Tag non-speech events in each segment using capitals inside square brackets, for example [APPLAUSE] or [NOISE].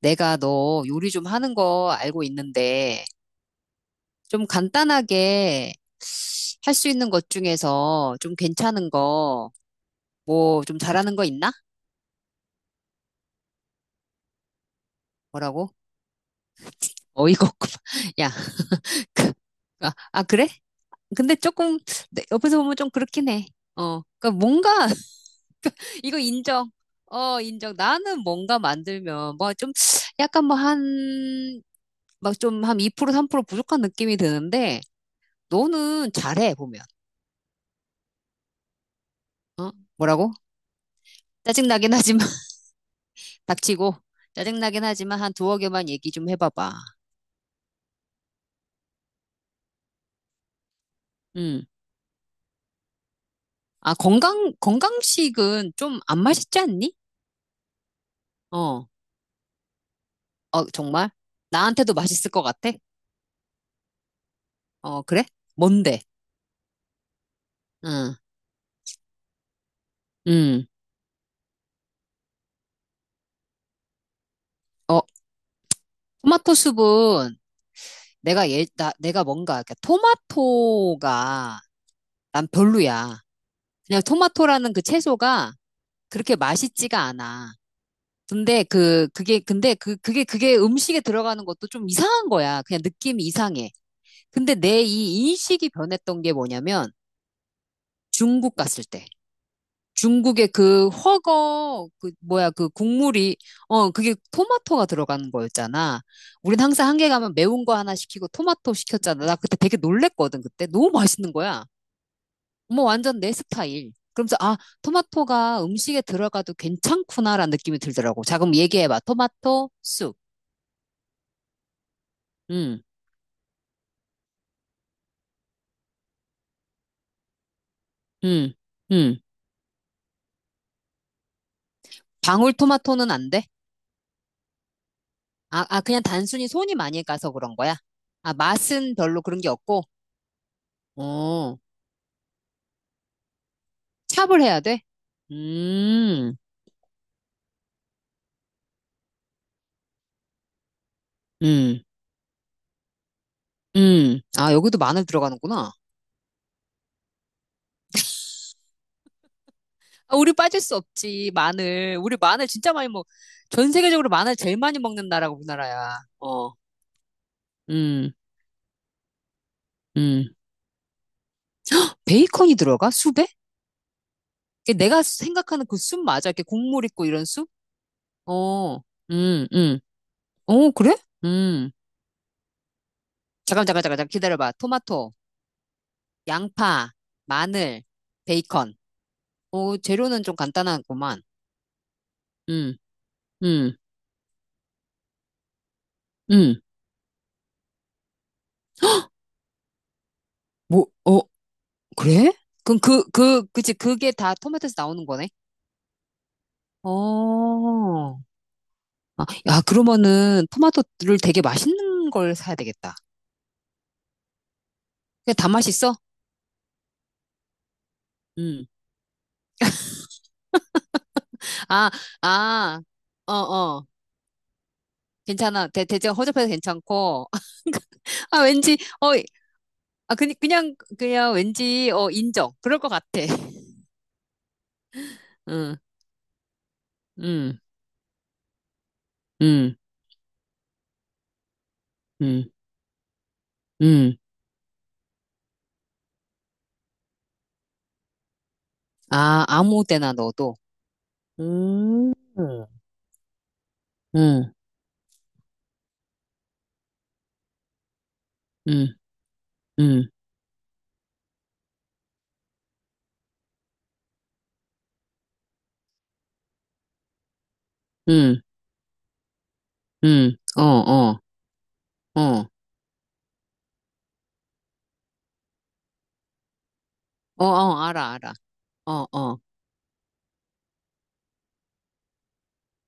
내가 너 요리 좀 하는 거 알고 있는데, 좀 간단하게 할 수 있는 것 중에서 좀 괜찮은 거, 뭐 좀 잘하는 거 있나? 뭐라고? 어이가 없구만. [LAUGHS] 야, 그, 아, 그래? 근데 조금 옆에서 보면 좀 그렇긴 해. 어, 그러니까 뭔가 [LAUGHS] 이거 인정. 어, 인정. 나는 뭔가 만들면 뭐 좀 약간 뭐 한, 막 좀 한 2% 3% 부족한 느낌이 드는데, 너는 잘해, 보면. 뭐라고? 짜증나긴 하지만, [LAUGHS] 닥치고, 짜증나긴 하지만 한 두어 개만 얘기 좀 해봐봐. 음. 아, 건강식은 좀 안 맛있지 않니? 어, 어, 정말? 나한테도 맛있을 것 같아? 어, 그래? 뭔데? 응, 음. 어, 토마토 숲은 내가 뭔가, 이렇게 토마토가 난 별로야. 그냥 토마토라는 그 채소가 그렇게 맛있지가 않아. 근데 그 그게 근데 그 그게 그게 음식에 들어가는 것도 좀 이상한 거야. 그냥 느낌이 이상해. 근데 내 이 인식이 변했던 게 뭐냐면 중국 갔을 때 중국의 그 훠궈 그 뭐야 그 국물이 그게 토마토가 들어가는 거였잖아. 우린 항상 한개 가면 매운 거 하나 시키고 토마토 시켰잖아. 나 그때 되게 놀랬거든. 그때 너무 맛있는 거야. 어머 완전 내 스타일. 그러면서 토마토가 음식에 들어가도 괜찮구나라는 느낌이 들더라고. 자 그럼 얘기해봐. 토마토 쑥. 음. 음, 음. 방울토마토는 안 돼? 아, 그냥 단순히 손이 많이 가서 그런 거야? 아, 맛은 별로 그런 게 없고, 어, 찹을 해야 돼? 음, 음, 아, 여기도 마늘 들어가는구나. 아, 우리 빠질 수 없지, 마늘. 우리 마늘 진짜 많이 먹, 전 세계적으로 마늘 제일 많이 먹는 나라가 우리나라야. 어, 음, 음. 베이컨이 들어가? 숲에? 이게 내가 생각하는 그 숲 맞아? 이렇게 국물 있고 이런 숲? 어, 음, 음. 어, 그래? 음. 잠깐, 잠깐, 잠깐, 잠깐 기다려봐. 토마토, 양파, 마늘, 베이컨. 오, 재료는 좀 간단하구만. 음, 음, 음. 뭐, 어, 그래? 그럼 그치, 그게 다 토마토에서 나오는 거네? 어. 아, 야, 그러면은 토마토를 되게 맛있는 걸 사야 되겠다. 그다 맛있어? 음. 아, 아, 어, 어. 괜찮아. 대체 허접해서 괜찮고. [LAUGHS] 아, 왠지, 어, 아, 그냥 왠지, 어, 인정. 그럴 것 같아. [LAUGHS] 응. 음, 음, 음, 음. 아, 아무 데나 넣어도. 음, 음, 음, 음, 음, 어, 어, 어, 어, 어, 알아, 알아. 어, 어.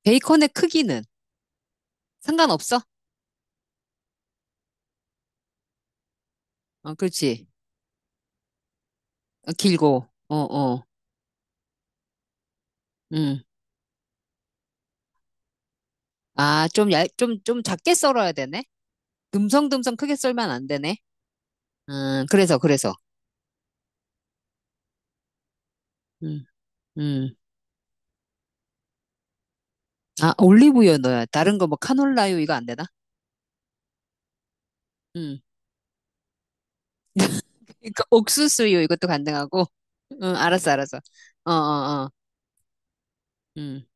베이컨의 크기는 상관없어? 어, 그렇지. 어, 길고, 어, 어, 음. 아, 좀 작게 썰어야 되네? 듬성듬성 크게 썰면 안 되네? 그래서, 그래서. 음, 음. 아, 올리브유 넣어야. 다른 거 뭐 카놀라유 이거 안 되나? 응. 그러니까 옥수수요 이것도 가능하고. 응, 알았어, 알았어. 어, 어, 어. 음.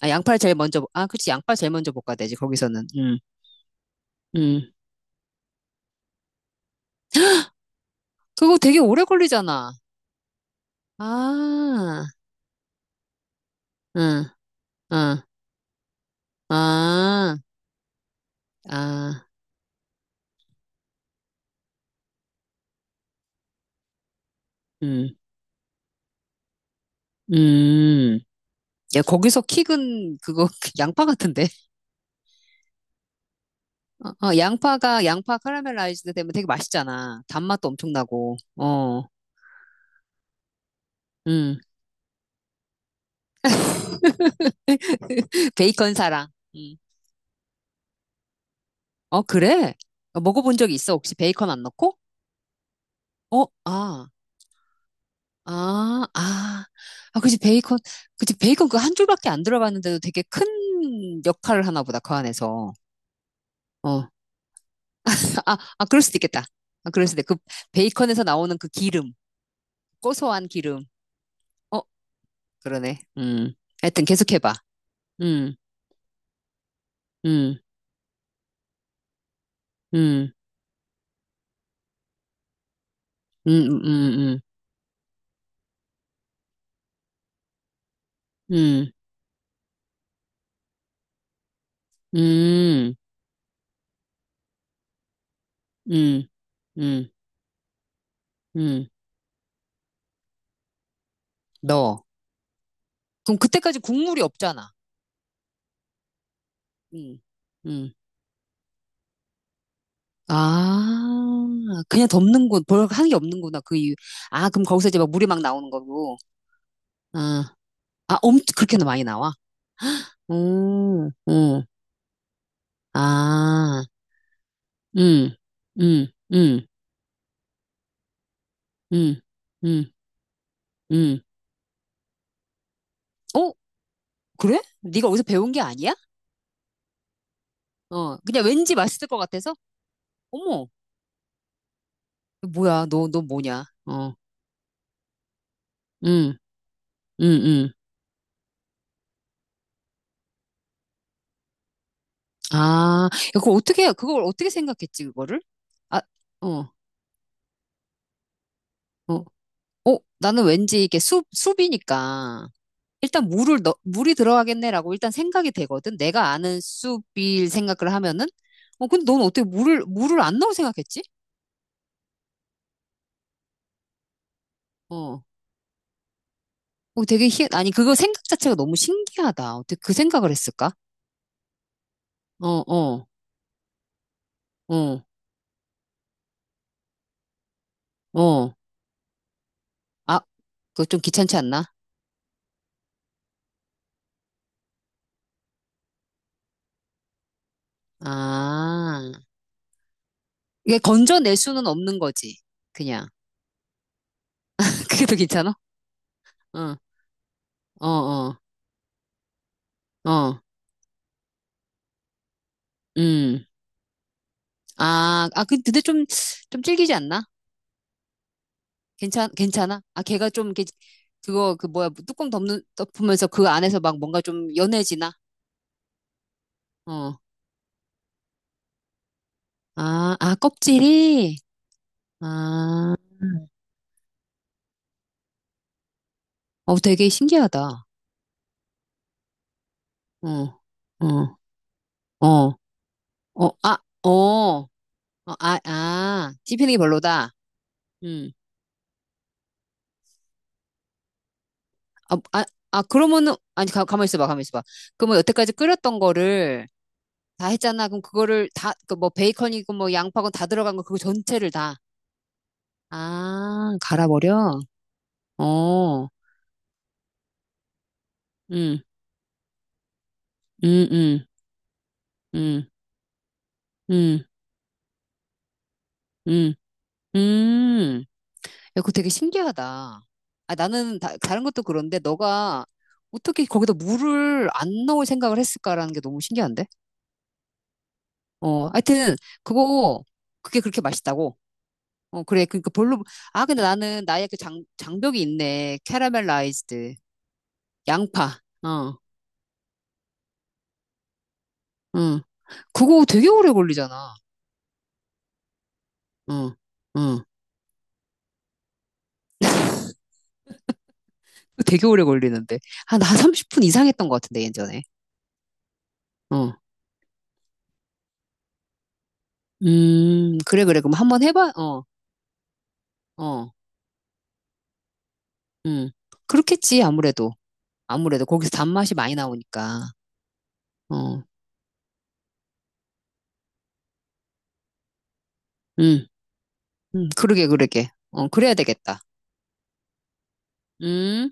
아, 양파를 제일 먼저, 아, 그치, 양파 제일 먼저 볶아야 되지, 거기서는. 음. 그거 되게 오래 걸리잖아. 아, 응, 응, 아, 아, 음, 음. 야, 거기서 킥은 그거 [LAUGHS] 양파 같은데? 어, 어, 양파 카라멜라이즈드 되면 되게 맛있잖아. 단맛도 엄청 나고, 어, 음. [LAUGHS] 베이컨 사랑. 응. 어, 그래? 어, 먹어본 적 있어? 혹시 베이컨 안 넣고? 어, 아. 아, 그치, 베이컨. 그치, 베이컨 그 한 줄밖에 안 들어갔는데도 되게 큰 역할을 하나 보다, 그 안에서. 어. 아, 그럴 수도 있겠다. 아, 그럴 수도 있그 베이컨에서 나오는 그 기름, 고소한 기름. 어, 그러네. 음. 하여튼 계속해봐. 음, 음, 음, 음, 음, 음, 음, 음, 음, 음, 음. 음. 넣어. 그럼 그때까지 국물이 없잖아. 음. 음. 아, 그냥 덮는 곳, 별 하는 게 없는 구나그 이유. 아, 그럼 거기서 이제 막 물이 막 나오는 거고. 아, 아, 엄청 그렇게 나 많이 나와? 오, 오, 아, 음, 음, 음, 음, 음, 음. 어, 그래? 네가 어디서 배운 게 아니야? 어, 그냥 왠지 맛있을 것 같아서? 어머, 뭐야, 너 뭐냐? 어, 음, 음, 음. 아, 그걸 어떻게, 그걸 어떻게 생각했지, 그거를? 아, 어, 어. 어, 나는 왠지 이게 숲이니까 일단 물이 들어가겠네라고 일단 생각이 되거든. 내가 아는 숲일 생각을 하면은. 어, 근데 넌 어떻게 물을 안 넣을 생각했지? 어. 어, 되게 희, 아니, 그거 생각 자체가 너무 신기하다. 어떻게 그 생각을 했을까? 어, 어, 어, 어. 아, 그거 좀 귀찮지 않나? 아. 이게 건져낼 수는 없는 거지. 그냥. [LAUGHS] 그게 더 귀찮아? 어, 어, 어, 어. 음. 아, 근데 좀, 질기지 않나? 괜찮아? 아, 걔가 좀, 이렇게 그거, 그 뭐야, 뭐 뚜껑 덮으면서 그 안에서 막 뭔가 좀 연해지나? 어. 아, 껍질이? 아, 어, 되게 신기하다. 어, 어, 어, 어, 아, 어, 어, 아, 씹히는 게 별로다. 음. 아, 아, 아, 그러면은, 아니, 가만히 있어봐, 가만히 있어봐. 그러면 여태까지 끓였던 거를 다 했잖아. 그럼 그거를 다, 그 뭐 베이컨이고 뭐 양파고 다 들어간 거 그거 전체를 다. 아, 갈아버려? 어, 음, 음, 음, 음, 음, 음, 음. 야, 그거 되게 신기하다. 아, 나는 다른 것도 그런데 너가 어떻게 거기다 물을 안 넣을 생각을 했을까라는 게 너무 신기한데? 어, 하여튼, 그거, 그게 그렇게 맛있다고. 어, 그래. 그러니까 별로, 아, 근데 나는 나의 그 장벽이 있네. 캐러멜라이즈드. 양파. 어, 응. 그거 되게 오래 걸리잖아. 응, 응. 되게 오래 걸리는데. 한 30분 이상 했던 것 같은데, 예전에. 어. 그래, 그래. 그럼 한번 해봐. 어, 어, 음. 그렇겠지, 아무래도. 아무래도. 거기서 단맛이 많이 나오니까. 어, 음, 그러게, 그러게. 어, 그래야 되겠다. 음.